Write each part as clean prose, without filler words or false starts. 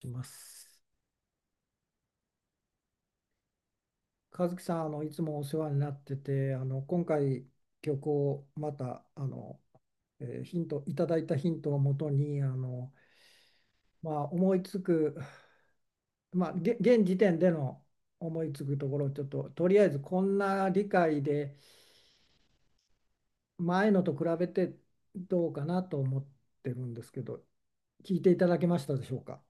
します。和樹さん、いつもお世話になってて、今回曲をまたヒントいただいたヒントをもとにまあ、思いつく、まあ、現時点での思いつくところをちょっととりあえずこんな理解で前のと比べてどうかなと思ってるんですけど聞いていただけましたでしょうか？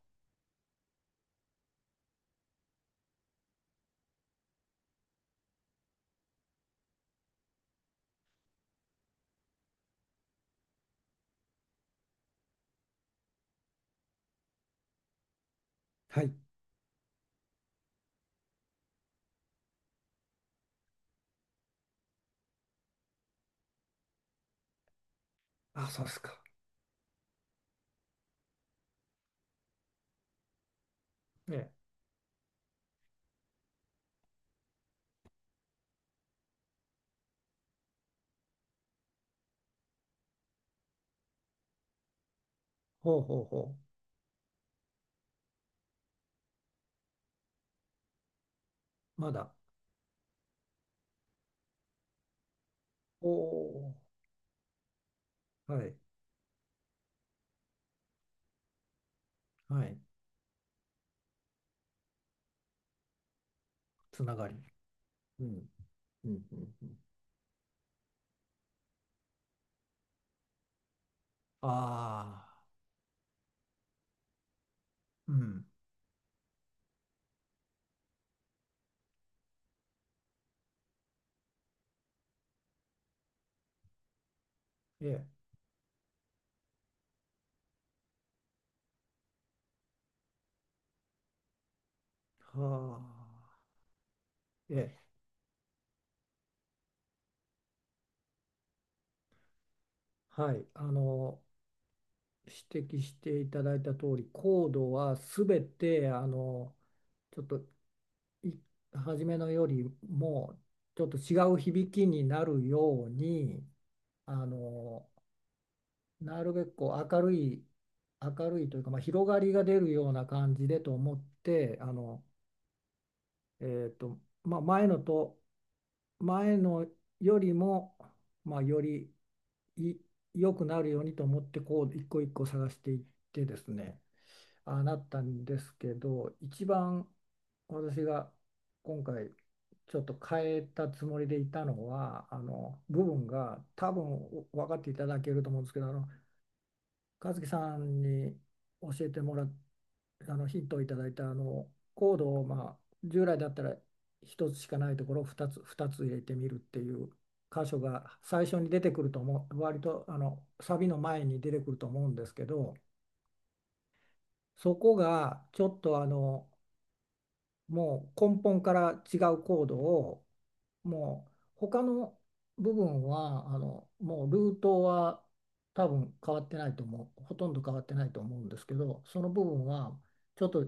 はい。あ、そうですか。ええ。ほうほうほう。まだ。お。お。はい。はい。つながり。うん。うん。うん。うん。ああ、うん。ええ。はあ。ええ。はい。指摘していただいた通り、コードはすべて、ちょっと、い、初めのよりも、ちょっと違う響きになるように、あの、なるべくこう明るい、明るいというか、まあ、広がりが出るような感じでと思って、えっと、まあ、前のよりも、まあ、よりい良くなるようにと思ってこう一個一個探していってですね、ああなったんですけど、一番私が今回ちょっと変えたつもりでいたのは、部分が多分分かっていただけると思うんですけど、和樹さんに教えてもらっあのヒントをいただいたコードを、まあ、従来だったら一つしかないところを2つ、2つ入れてみるっていう箇所が最初に出てくると思う、割とサビの前に出てくると思うんですけど、そこがちょっともう根本から違うコードを、もう他の部分はもうルートは多分変わってないと思う、ほとんど変わってないと思うんですけど、その部分はちょっと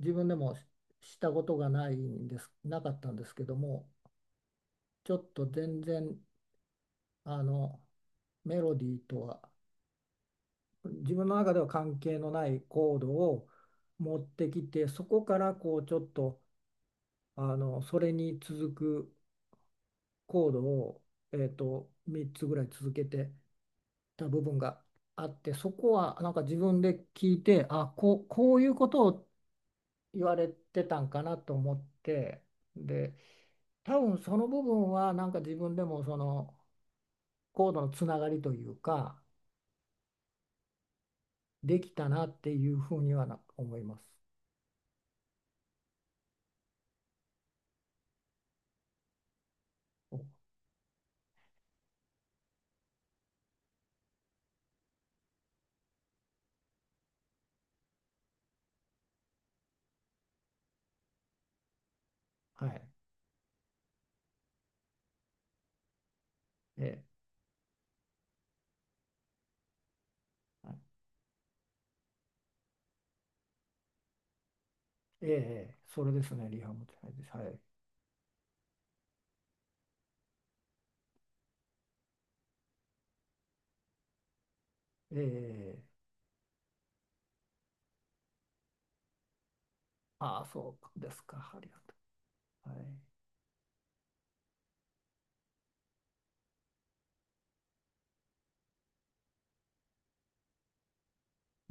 自分でもしたことがないんです、なかったんですけども、ちょっと全然あのメロディーとは自分の中では関係のないコードを持ってきて、そこからこうちょっとそれに続くコードを、3つぐらい続けてた部分があって、そこはなんか自分で聞いて、あ、こう、こういうことを言われてたんかなと思って、で、多分その部分はなんか自分でもそのコードのつながりというかできたなっていうふうにはな思います。お。はい。ええ。はい。ええ、それですね、リハもはいです。はい。ええ。ああ、そうですか。ありがとう。はい。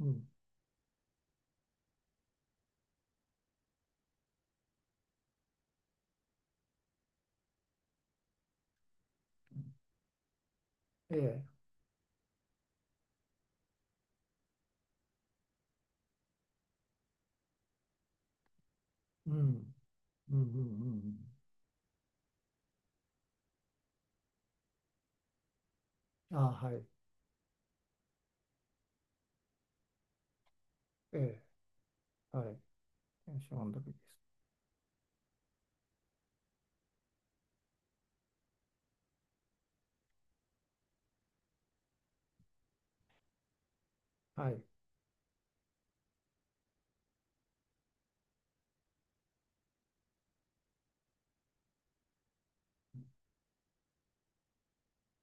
うん。ええ、うん。うん。うん。うん。うん。ああ、はい。ええ。はい。天使満足です。はい。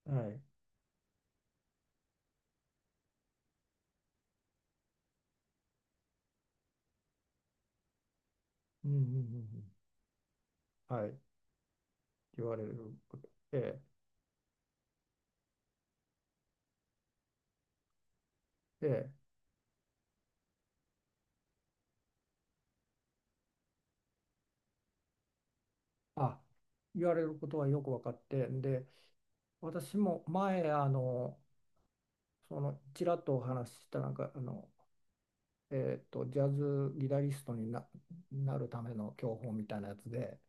はい。うん。うん。うん。うん。はい。言われることで、あ、言われることはよく分かって、で、私も前、その、ちらっとお話しした、なんか、ジャズギタリストにな、なるための教本みたいなやつで、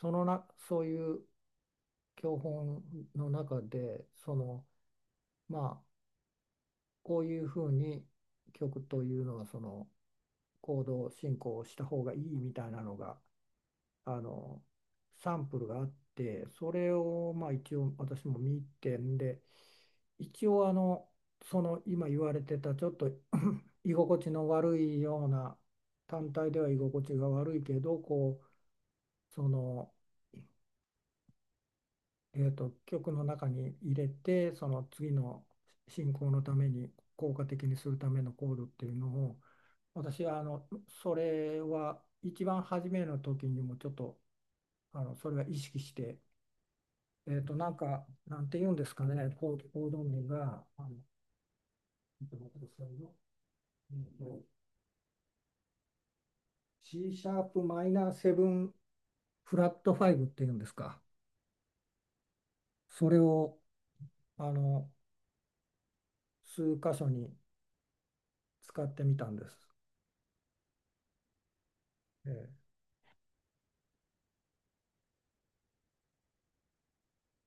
そのな、そういう教本の中で、その、まあ、こういうふうに曲というのは、その、行動進行をした方がいいみたいなのがあのサンプルがあって、それをまあ一応私も見てんで、一応その今言われてたちょっと居心地の悪いような、単体では居心地が悪いけどこう、その、曲の中に入れてその次の進行のために効果的にするためのコードっていうのを私はそれは一番初めの時にもちょっとそれは意識して、なんかなんて言うんですかね、コーコード名がちょっと待ってくださいよ、えーと C シャープマイナーセブンフラットファイブっていうんですか、それをあの数箇所に使ってみたんです。え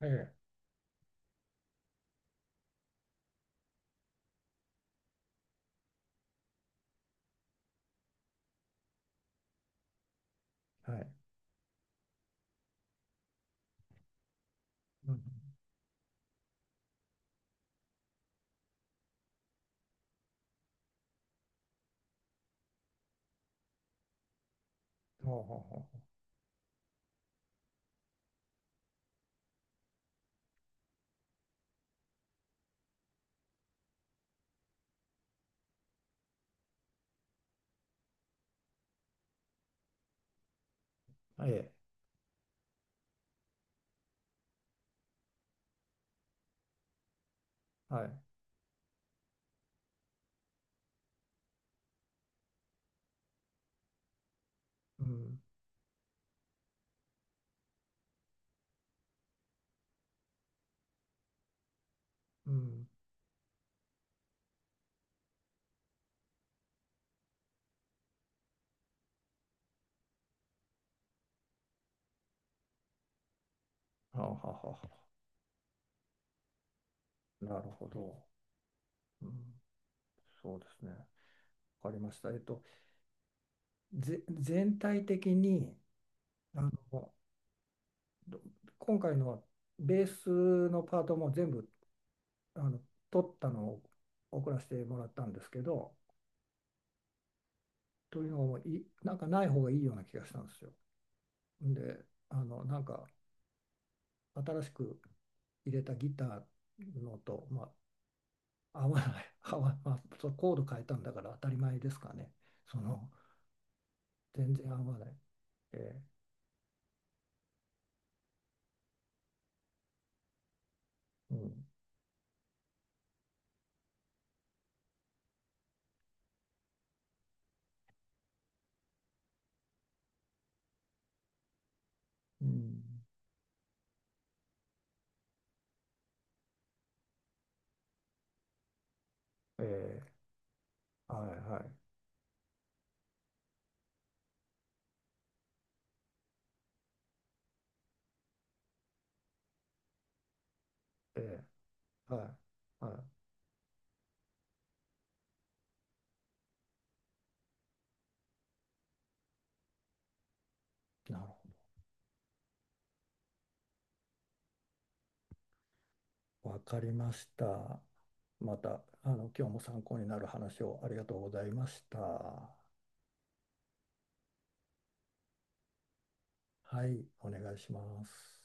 え。ええ。はい。うん。ほうほうほうほう。ええ、はい。うん、うん。はあはあはあはあ。なるほど。うん、そうですね。わかりました。ぜ、全体的に、あの、ど今回のはベースのパートも全部、あの、取ったのを送らせてもらったんですけど、というのも、い、なんかない方がいいような気がしたんですよ。で、なんか、新しく入れたギターのと、まあ、合わない、合わ、まあ、そうコード変えたんだから当たり前ですかね。その、全然合わない。ええ。うん、うん、ええ。はい、はい、ええ。はい、はい、なるほど。わかりました。また、あの、今日も参考になる話をありがとうございました。はい、お願いします。